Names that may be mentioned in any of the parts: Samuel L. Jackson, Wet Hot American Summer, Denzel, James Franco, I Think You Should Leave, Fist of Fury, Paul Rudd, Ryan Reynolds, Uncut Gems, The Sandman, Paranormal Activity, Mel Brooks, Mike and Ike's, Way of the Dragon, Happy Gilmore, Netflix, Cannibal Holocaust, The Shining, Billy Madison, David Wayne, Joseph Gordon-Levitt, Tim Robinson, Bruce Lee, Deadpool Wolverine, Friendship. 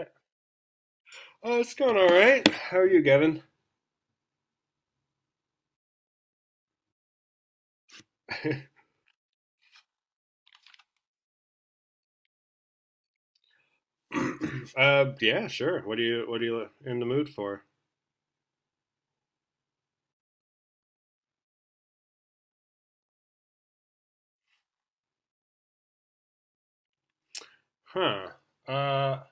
Uh, it's going all right. How are you, Gavin? Yeah, sure. What are you in the mood for? Huh? Uh,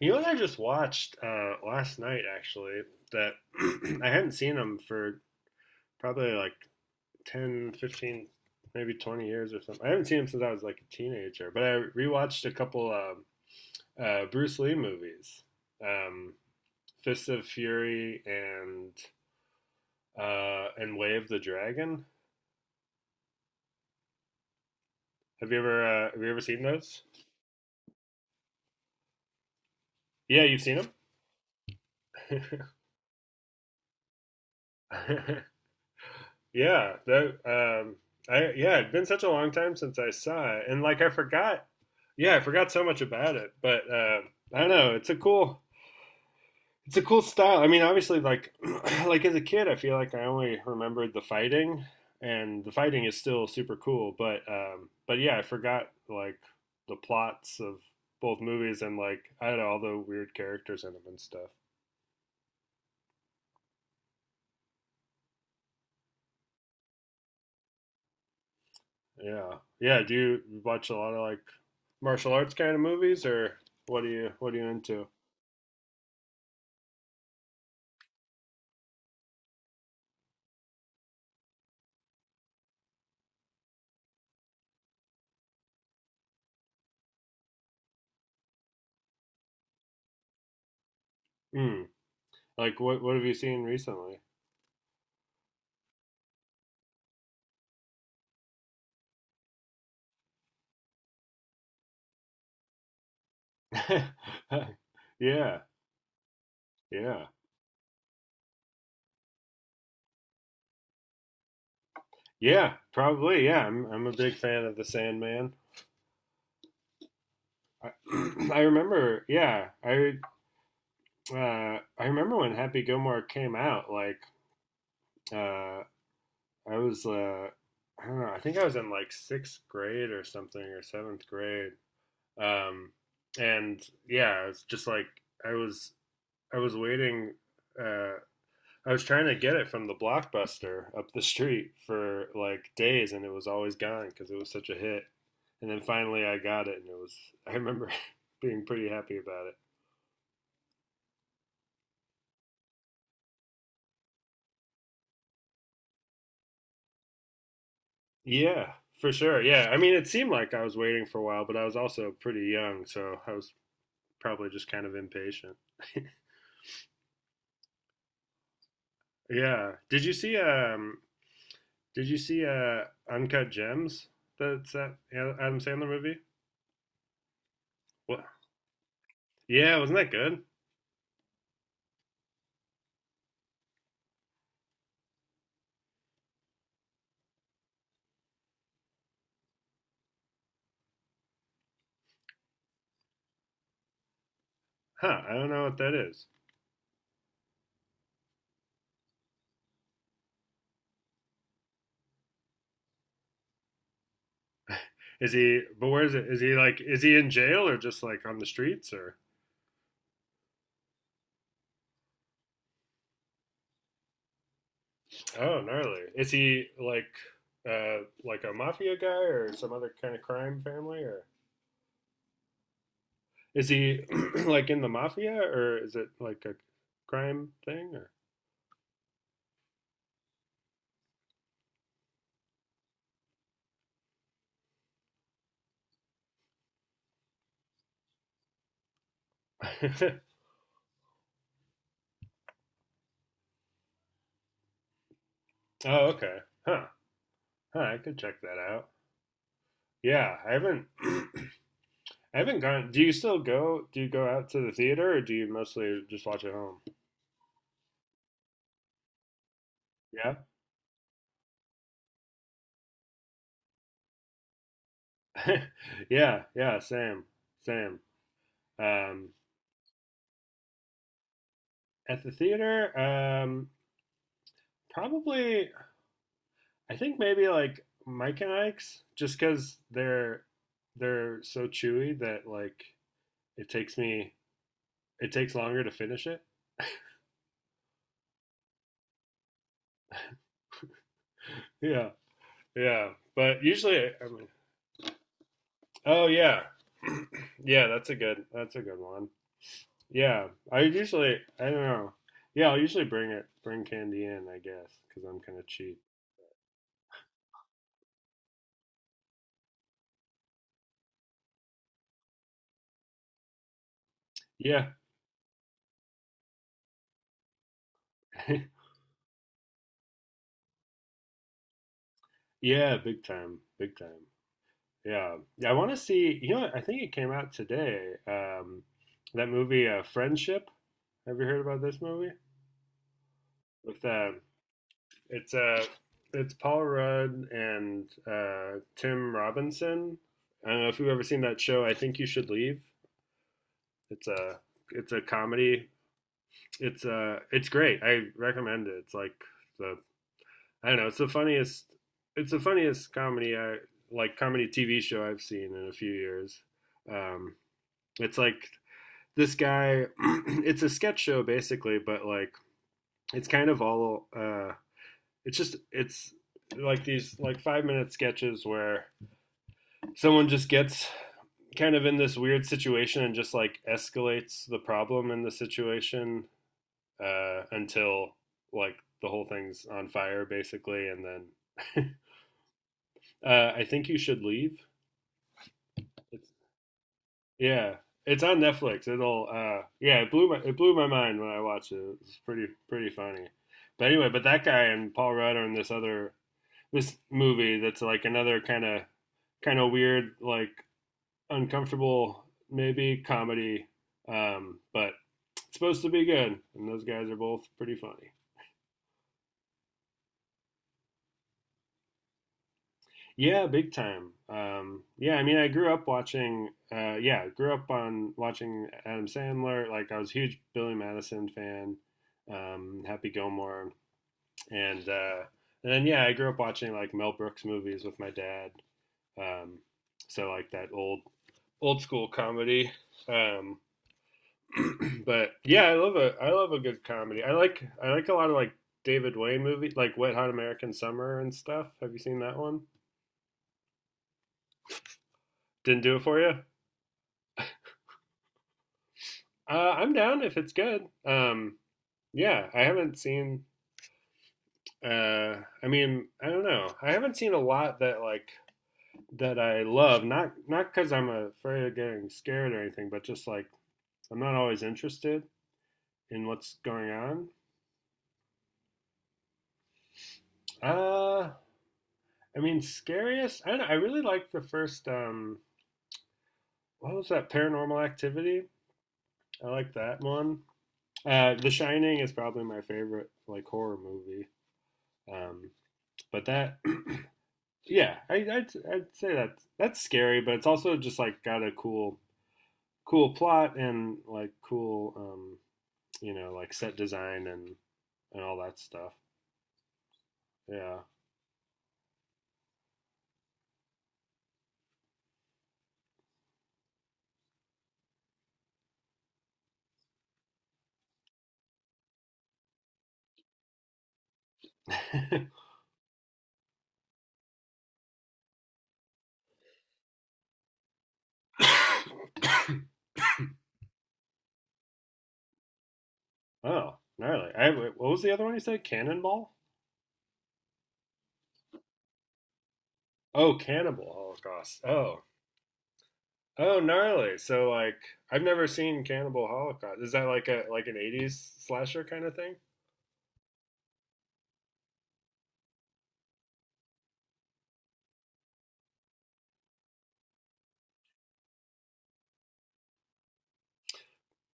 you know what I just watched last night, actually, that I hadn't seen them for probably like 10, 15, maybe 20 years or something. I haven't seen them since I was like a teenager, but I rewatched a couple Bruce Lee movies, um, Fist of Fury and Way of the Dragon. Have you ever seen those? Yeah, you've seen them. yeah, that I yeah, it's been such a long time since I saw it, and like I forgot. Yeah, I forgot so much about it, but I don't know. It's a it's a cool style. I mean, obviously, like like as a kid, I feel like I only remembered the fighting, and the fighting is still super cool. But yeah, I forgot like the plots of both movies, and like I don't know all the weird characters in them and stuff. Yeah. Yeah. Do you watch a lot of like martial arts kind of movies, or what are you into? Mm. Like what have you seen recently? Yeah. Yeah. Yeah. Probably. Yeah. I'm a big fan of The Sandman. I, I remember. Yeah. I I remember when Happy Gilmore came out. Like uh I was uh I don't know. I think I was in like sixth grade or something, or seventh grade. Um, and Yeah, it's just like I was I was waiting. Uh, I was trying to get it from the blockbuster up the street for like days, and it was always gone because it was such a hit. And then finally, I got it, and it was. I remember being pretty happy about it. Yeah, for sure. Yeah, I mean, it seemed like I was waiting for a while, but I was also pretty young, so I was probably just kind of impatient. yeah. Did you see Uncut Gems? That's that Adam Sandler movie. What? Yeah, wasn't that good? Huh? I don't know what that is. Is he? But where is it? Is he like? Is he in jail or just like on the streets, or? Oh, gnarly. Is he like a mafia guy or some other kind of crime family or? Is he like in the mafia, or is it like a crime thing, or? oh, okay. Huh. Huh. I could check that out. Yeah, I haven't I haven't gone. Do you still go? Do you go out to the theater, or do you mostly just watch at home? Yeah, yeah, yeah. Same. Um, at the theater, probably. I think maybe like Mike and Ike's, just because they're so chewy that like it takes me it takes longer to finish it. Yeah, yeah. But usually, I mean, oh yeah, yeah. That's a good one. Yeah, I don't know. Yeah, I'll usually bring candy in, I guess, because I'm kind of cheap. Yeah, yeah, big time. Yeah, yeah. I want to see. You know, I think it came out today. Um, that movie, Friendship. Have you heard about this movie? With it's uh, it's Paul Rudd and Tim Robinson. I don't know if you've ever seen that show. I think you should leave. It's a it's a comedy. It's great. I recommend it. It's like the I don't know. It's the funniest. It's the funniest comedy I like comedy TV show I've seen in a few years. Um, it's like this guy. it's a sketch show basically, but like it's kind of all. It's just it's like these like 5-minute sketches where someone just gets kind of in this weird situation and just like escalates the problem in the situation until like the whole thing's on fire basically, and then I think you should leave. It's, yeah, it's on Netflix. It'll yeah, it blew my mind when I watched it. It's pretty funny. But anyway, but that guy and Paul Rudd are in this other, this movie that's like another kind of weird, like uncomfortable maybe comedy, but it's supposed to be good and those guys are both pretty funny. Yeah, big time. Yeah, I mean, I grew up watching. Yeah, grew up on watching Adam Sandler. Like, I was a huge Billy Madison fan, Happy Gilmore, and uh, and then yeah, I grew up watching like Mel Brooks movies with my dad. Um, so like that old school comedy. Um, but yeah, I love a good comedy. I like a lot of like David Wayne movies, like Wet Hot American Summer and stuff. Have you seen that one? Didn't do it for you. I'm down if it's good. Yeah, I haven't seen. Uh, I mean, I don't know. I haven't seen a lot that like that I love. Not because I'm afraid of getting scared or anything, but just like I'm not always interested in what's going on. Uh, I mean, scariest. I don't know, I really like the first. What was that? Paranormal Activity. I like that one. The Shining is probably my favorite like horror movie. Um, but that yeah, I'd say that that's scary, but it's also just like got a cool plot and like cool, you know, like set design and all that stuff. Yeah. oh, gnarly. I What was the other one you said? Cannonball. Oh, Cannibal Holocaust. Oh, oh, gnarly. So like I've never seen Cannibal Holocaust. Is that like a like an '80s slasher kind of thing?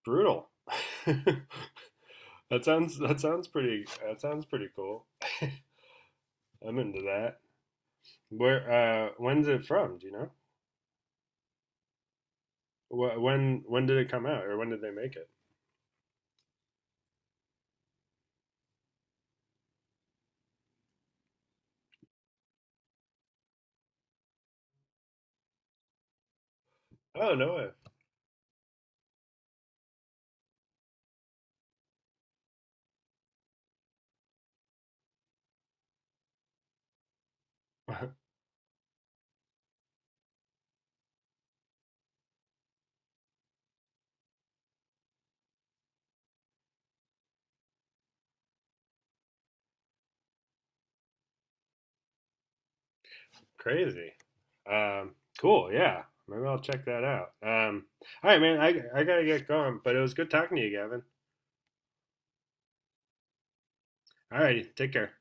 Brutal. that that sounds pretty that sounds pretty cool. I'm into that. Where? When's it from? Do you know? When did it come out, or when did they make it? Oh no way! Crazy. Um, cool. Yeah. Maybe I'll check that out. All right, man. I gotta get going, but it was good talking to you, Gavin. All right. Take care.